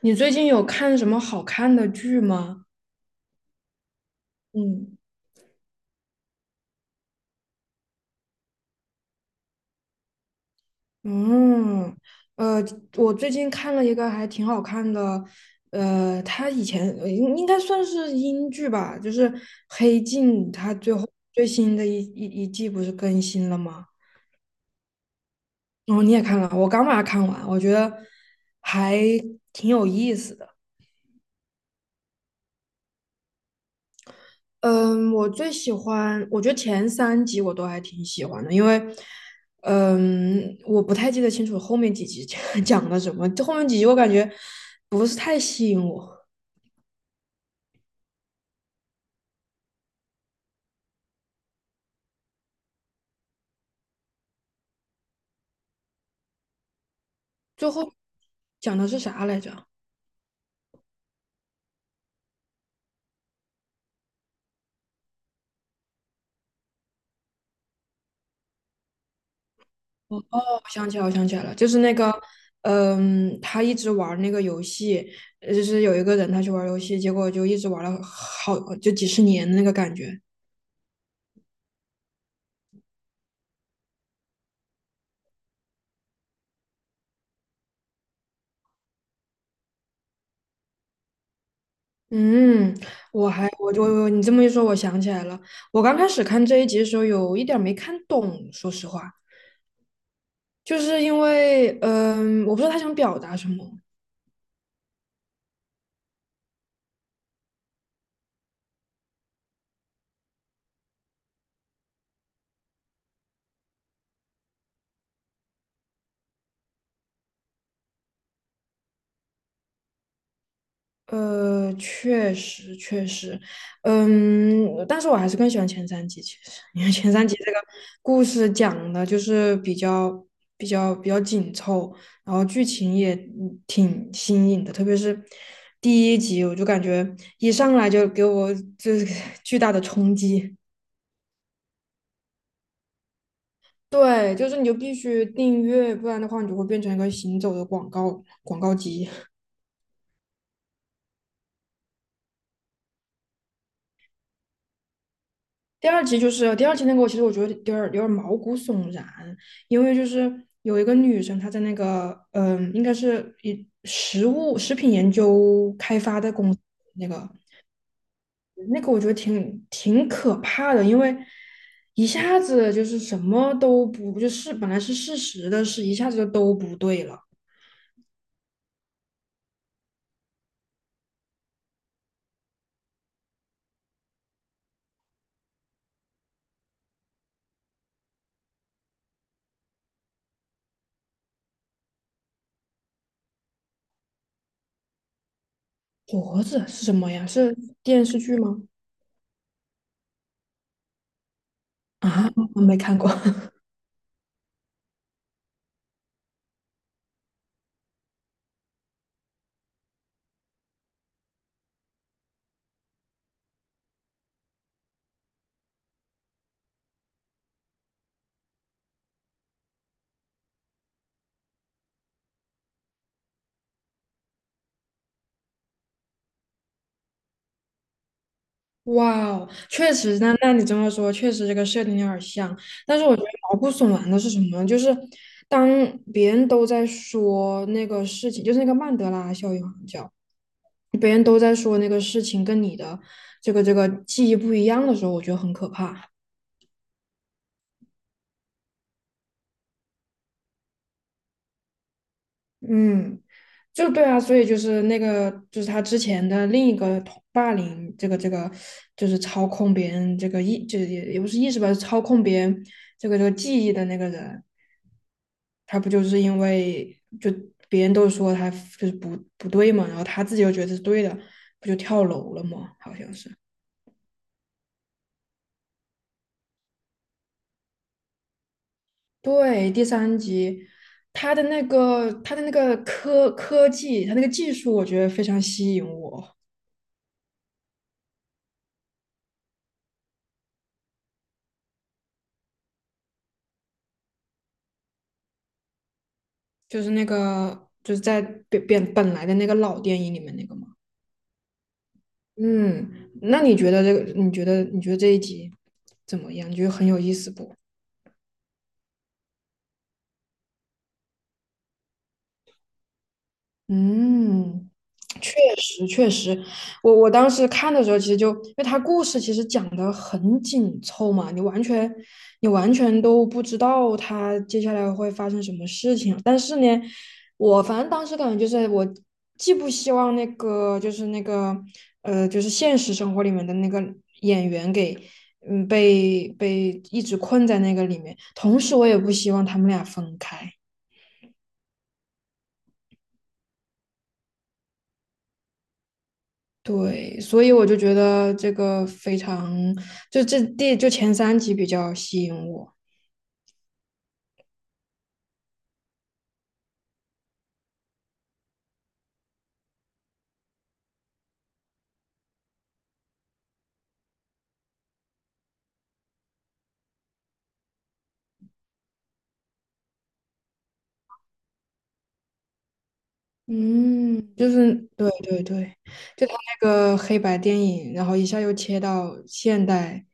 你最近有看什么好看的剧吗？嗯，嗯，呃，我最近看了一个还挺好看的，它以前应该算是英剧吧，就是《黑镜》，它最后最新的一季不是更新了吗？然后你也看了，我刚把它看完，我觉得还挺有意思的。嗯，我最喜欢，我觉得前三集我都还挺喜欢的，因为，我不太记得清楚后面几集 讲了什么，这后面几集我感觉不是太吸引我。最后讲的是啥来着？哦，我想起来，我想起来了，就是那个，他一直玩那个游戏，就是有一个人他去玩游戏，结果就一直玩了好就几十年的那个感觉。嗯，我还我就，你这么一说，我想起来了。我刚开始看这一集的时候，有一点儿没看懂，说实话，就是因为，我不知道他想表达什么。确实确实，嗯，但是我还是更喜欢前三集，其实因为前三集这个故事讲的就是比较紧凑，然后剧情也挺新颖的，特别是第一集，我就感觉一上来就给我就是 巨大的冲击。对，就是你就必须订阅，不然的话你就会变成一个行走的广告机。第二集就是第二集那个，其实我觉得有点毛骨悚然，因为就是有一个女生，她在那个应该是一食品研究开发的公司，那个那个我觉得挺可怕的，因为一下子就是什么都不就是本来是事实的事，一下子就都不对了。脖子是什么呀？是电视剧吗？啊，我没看过。哇哦，确实，那你这么说，确实这个设定有点像。但是我觉得毛骨悚然的是什么呢？就是当别人都在说那个事情，就是那个曼德拉效应好像叫，别人都在说那个事情跟你的这个记忆不一样的时候，我觉得很可怕。嗯，就对啊，所以就是那个就是他之前的另一个同霸凌，这个就是操控别人这个意，就是也不是意识吧，是操控别人这个记忆的那个人。他不就是因为就别人都说他就是不对嘛，然后他自己又觉得是对的，不就跳楼了吗？好像是。对，第三集，他的那个科技，他那个技术，我觉得非常吸引我，就是那个就是在本来的那个老电影里面那个嘛。嗯，那你觉得这个？你觉得这一集怎么样？你觉得很有意思不？嗯，确实，确实，我当时看的时候，其实就因为它故事其实讲的很紧凑嘛，你完全都不知道它接下来会发生什么事情。但是呢，我反正当时感觉就是我既不希望那个就是那个就是现实生活里面的那个演员给被一直困在那个里面，同时我也不希望他们俩分开。对，所以我就觉得这个非常，就这第就前三集比较吸引我，嗯，就是对对对，就他那个黑白电影，然后一下又切到现代，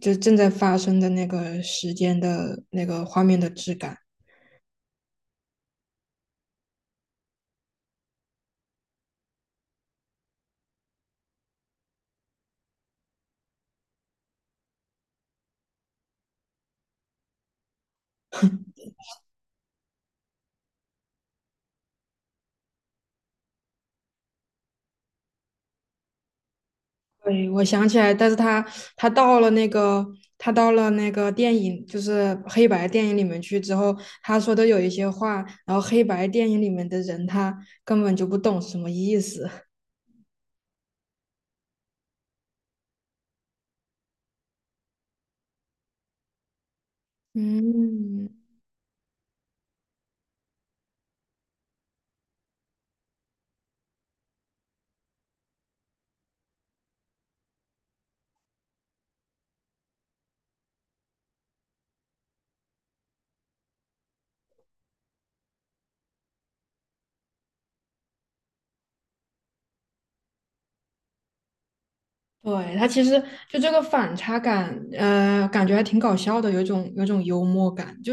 就正在发生的那个时间的那个画面的质感。对，我想起来，但是他到了那个他到了那个电影，就是黑白电影里面去之后，他说的有一些话，然后黑白电影里面的人他根本就不懂什么意思。嗯，对，他其实就这个反差感，感觉还挺搞笑的，有一种幽默感，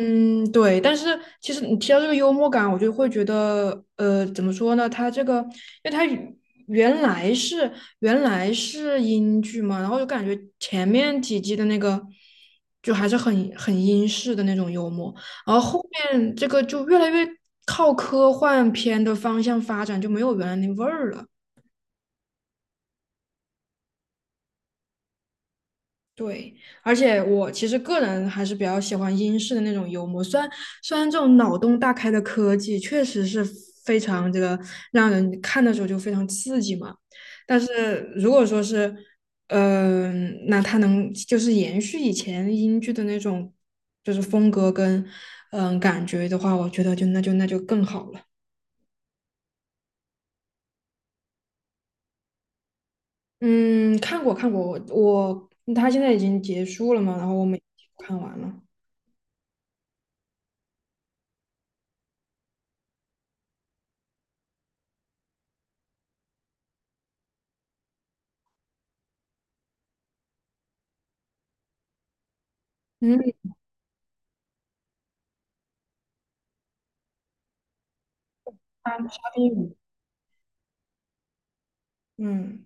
嗯，对。但是其实你提到这个幽默感，我就会觉得，怎么说呢？他这个，因为他原来是原来是英剧嘛，然后就感觉前面几季的那个就还是很英式的那种幽默，然后后面这个就越来越靠科幻片的方向发展，就没有原来那味儿了。对，而且我其实个人还是比较喜欢英式的那种幽默，虽然这种脑洞大开的科技确实是非常这个让人看的时候就非常刺激嘛，但是如果说是，那它能就是延续以前英剧的那种就是风格跟感觉的话，我觉得就更好了。嗯，看过看过，他现在已经结束了嘛，然后我们看完了。嗯，他刷屏嗯。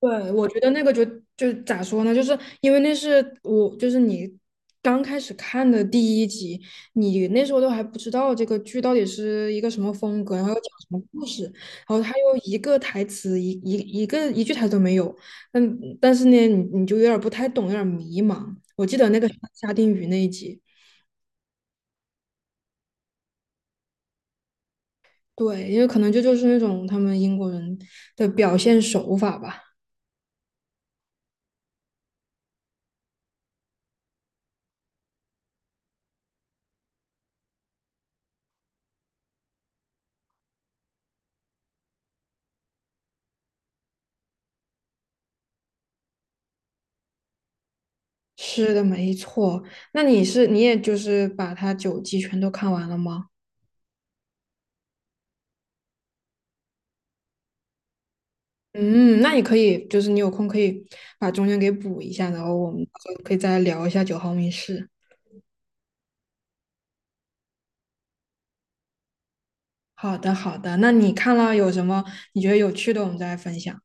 对，我觉得那个就咋说呢？就是因为那是我，就是你刚开始看的第一集，你那时候都还不知道这个剧到底是一个什么风格，然后要讲什么故事，然后他又一个台词一一一个一句台词都没有，嗯，但是呢，你就有点儿不太懂，有点儿迷茫。我记得那个沙丁鱼那一集，对，因为可能这就是那种他们英国人的表现手法吧。是的，没错。那你也就是把它九季全都看完了吗？嗯，那你可以就是你有空可以把中间给补一下，然后我们到时候可以再聊一下《九号密室》。好的，好的。那你看了有什么你觉得有趣的，我们再来分享。